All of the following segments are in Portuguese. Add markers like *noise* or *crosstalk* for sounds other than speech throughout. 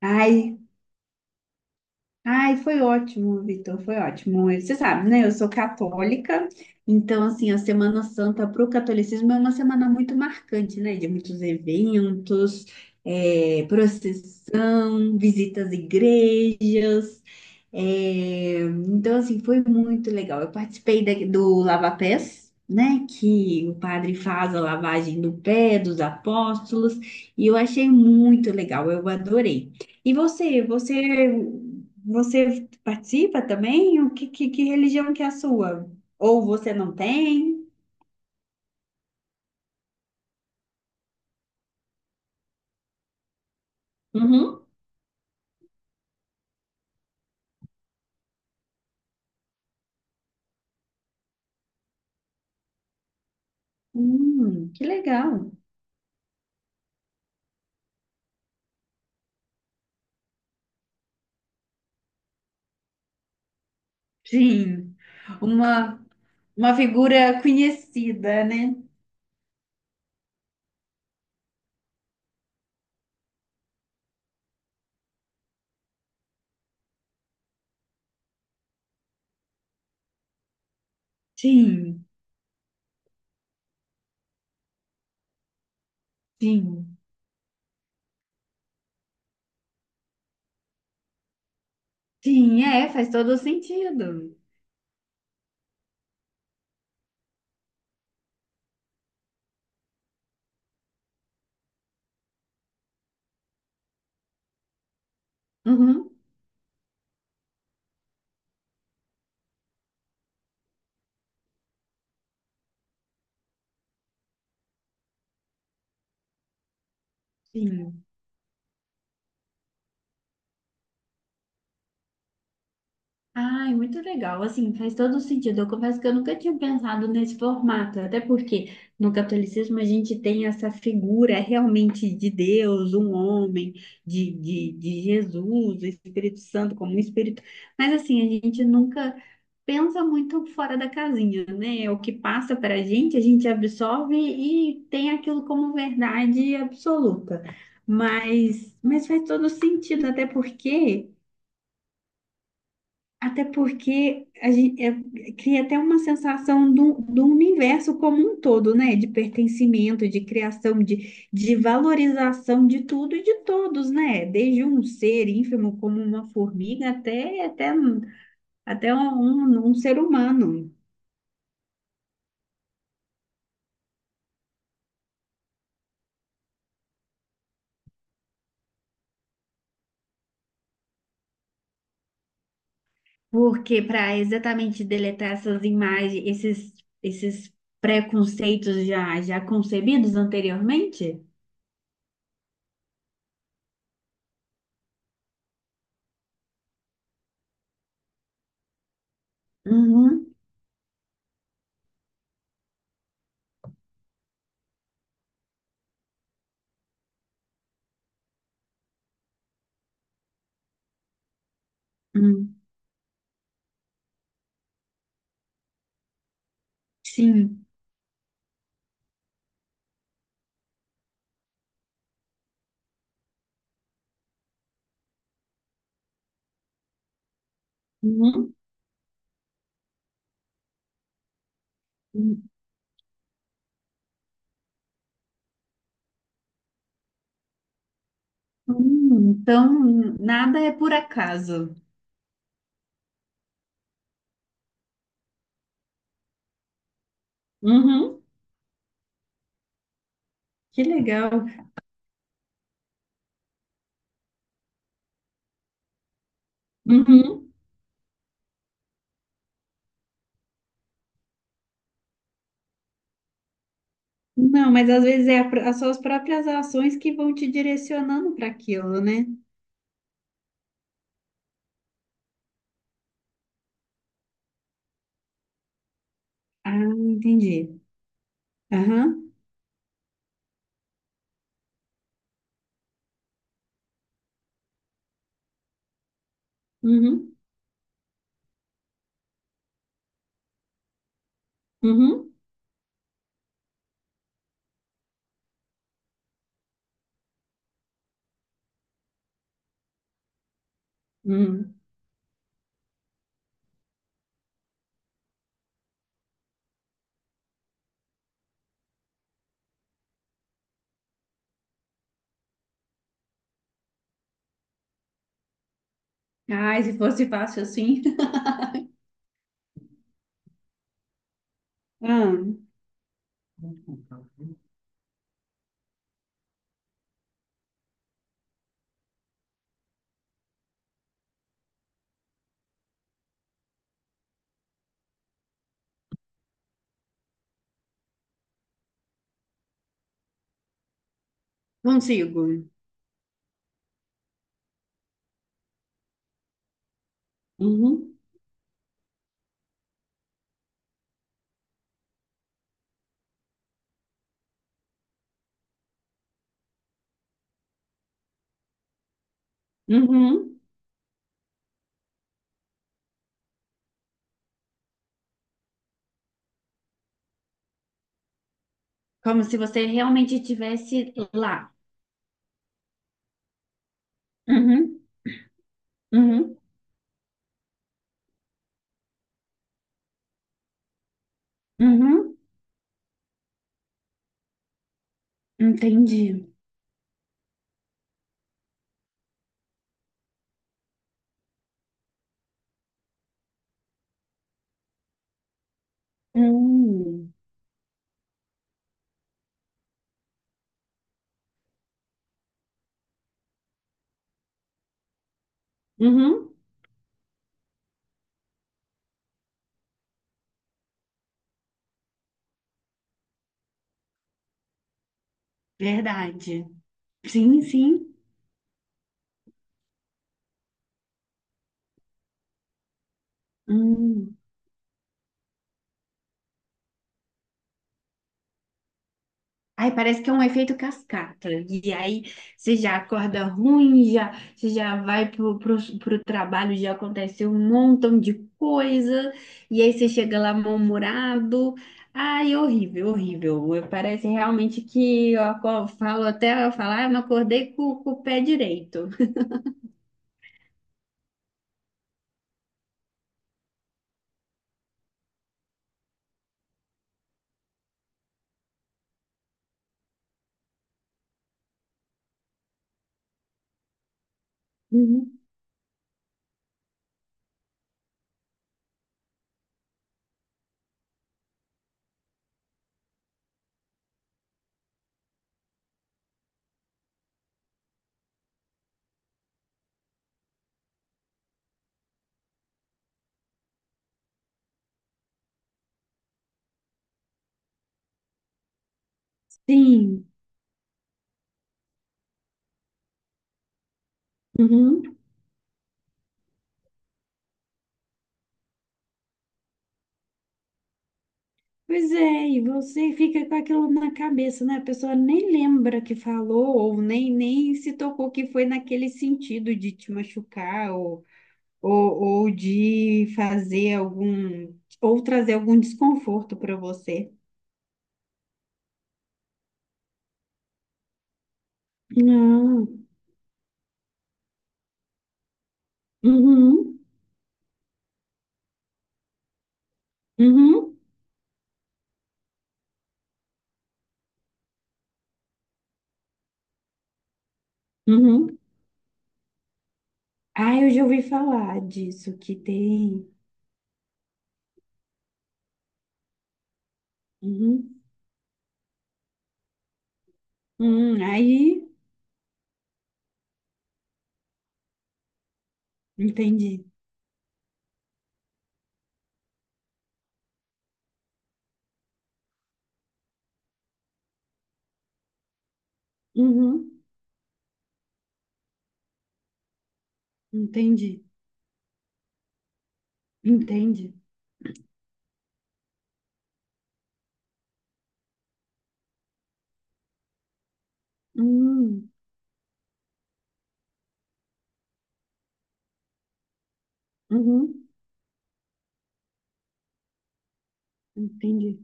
Ai, ai, foi ótimo, Vitor, foi ótimo. Você sabe, né? Eu sou católica, então, assim, a Semana Santa para o catolicismo é uma semana muito marcante, né? De muitos eventos, procissão, visitas às igrejas. eh, então, assim, foi muito legal. Eu participei do Lava Pés, né? Que o padre faz a lavagem do pé dos apóstolos, e eu achei muito legal, eu adorei. E você, você participa também? Que religião que é a sua? Ou você não tem? Uhum. Que legal. Sim, uma, uma figura conhecida, né? Sim, sim, sim, é, faz todo sentido. Uhum. Sim. Ai, muito legal. Assim, faz todo sentido. Eu confesso que eu nunca tinha pensado nesse formato, até porque no catolicismo a gente tem essa figura realmente de Deus, um homem, de Jesus, o Espírito Santo como um espírito. Mas assim, a gente nunca pensa muito fora da casinha, né? É o que passa para a gente absorve e tem aquilo como verdade absoluta. Mas faz todo sentido, até porque. Até porque a gente, é, cria até uma sensação do universo como um todo, né? De pertencimento, de criação, de valorização de tudo e de todos, né? Desde um ser ínfimo como uma formiga até um um ser humano. Porque para exatamente deletar essas imagens, esses preconceitos já concebidos anteriormente? Uhum, uhum, sim. Uhum. Então, nada é por acaso. Uhum, que legal. Uhum. Não, mas às vezes é a as suas próprias ações que vão te direcionando para aquilo, né? Ah, entendi. Aham. Uhum, uhum, uhum. Ai, se fosse fácil assim. *laughs* Ah, consigo. Uhum, uhum. Como se você realmente estivesse lá. Uhum, uhum, uhum. Entendi. Hum. Uhum. Verdade. Sim, sim. Hum. Aí parece que é um efeito cascata. E aí você já acorda ruim, já, você já vai pro, pro trabalho, já aconteceu um montão de coisa, e aí você chega lá mal-humorado. Ai, horrível, horrível. Parece realmente que eu falo até eu falar, eu não acordei com o pé direito. Uhum. Sim. Uhum. Pois é, e você fica com aquilo na cabeça, né? A pessoa nem lembra que falou, ou nem se tocou que foi naquele sentido de te machucar, ou de fazer algum, ou trazer algum desconforto para você. Não. Uhum, uhum, uhum. Ah, eu já ouvi falar disso, que tem. Uhum, uhum. Aí, entendi. Uhum, entendi, entendi. Uhum, uhum, entendi.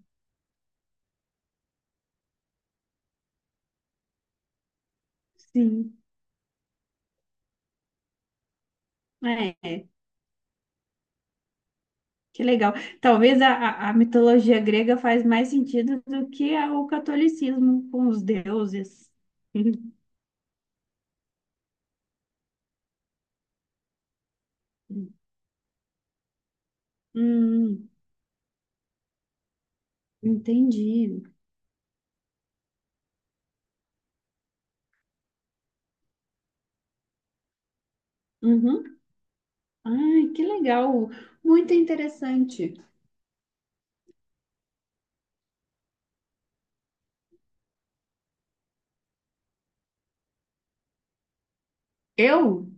Sim, é, que legal. Talvez a a mitologia grega faz mais sentido do que o catolicismo com os deuses. *laughs* Hum, entendi. Uhum. Ai, que legal. Muito interessante. Eu?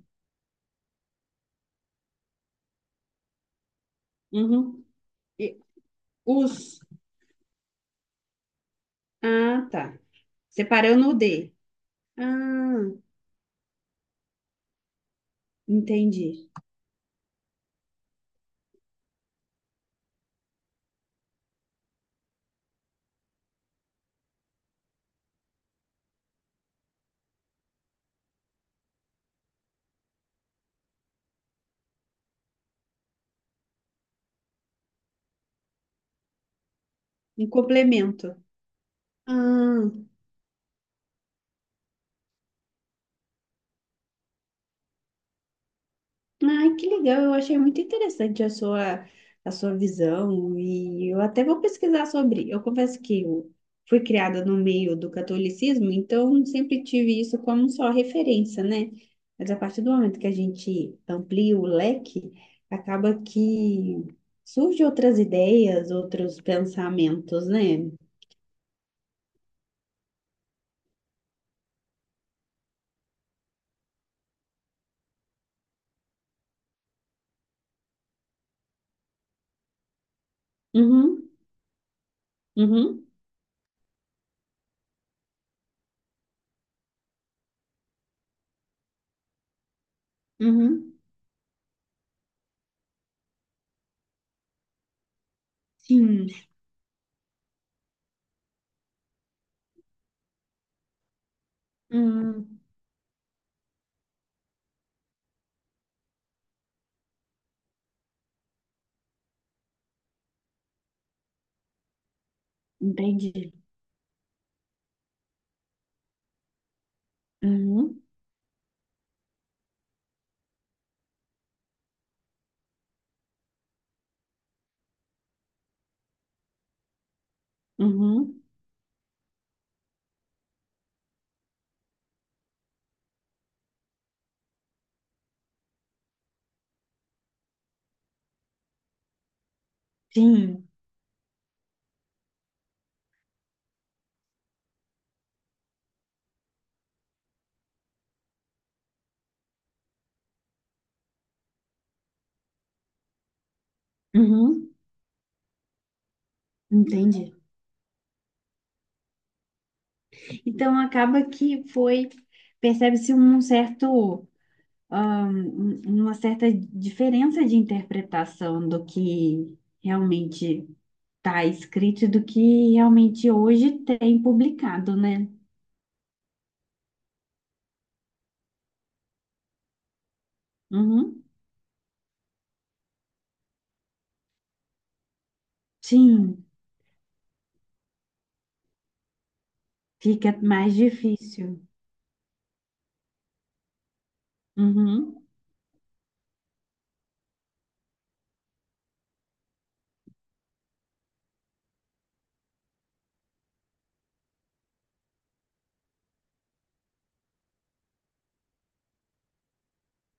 Uhum. E- Os. Ah, tá. Separando o D. Ah, entendi. Um complemento. Ah. Ai, que legal, eu achei muito interessante a a sua visão e eu até vou pesquisar sobre. Eu confesso que eu fui criada no meio do catolicismo, então sempre tive isso como só referência, né? Mas a partir do momento que a gente amplia o leque, acaba que surgem outras ideias, outros pensamentos, né? Uhum, uhum, uhum, sim, hum, entendi. Uhum, uhum, sim, uhum. Entendi. Então acaba que foi, percebe-se um certo, ah, uma certa diferença de interpretação do que realmente está escrito e do que realmente hoje tem publicado, né? Uhum. Sim, fica mais difícil. Uhum.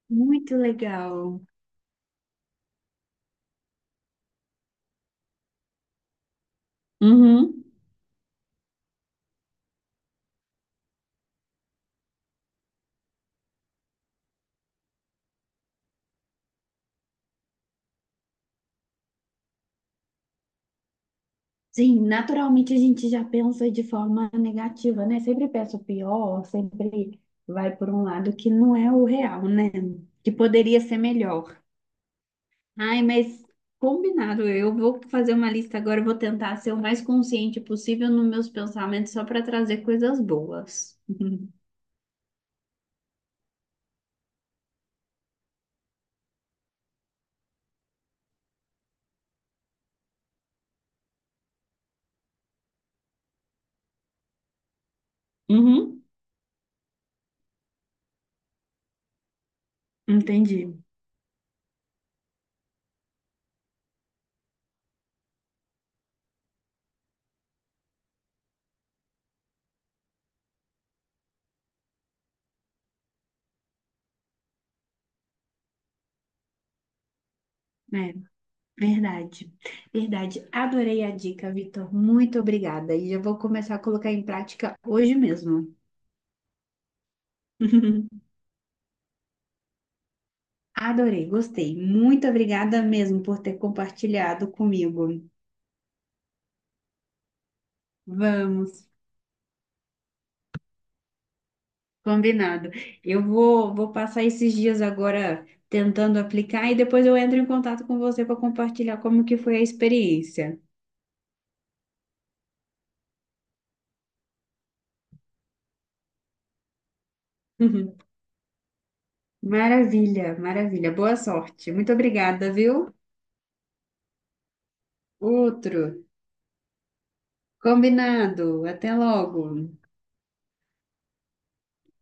Muito legal. Uhum. Sim, naturalmente a gente já pensa de forma negativa, né? Sempre pensa o pior, sempre vai por um lado que não é o real, né? Que poderia ser melhor. Ai, mas combinado, eu vou fazer uma lista agora, eu vou tentar ser o mais consciente possível nos meus pensamentos só para trazer coisas boas. *laughs* Uhum, entendi. É, verdade. Verdade. Adorei a dica, Vitor. Muito obrigada. E eu vou começar a colocar em prática hoje mesmo. *laughs* Adorei, gostei. Muito obrigada mesmo por ter compartilhado comigo. Vamos, combinado. Eu vou passar esses dias agora tentando aplicar e depois eu entro em contato com você para compartilhar como que foi a experiência. *laughs* Maravilha, maravilha. Boa sorte. Muito obrigada, viu? Outro. Combinado. Até logo.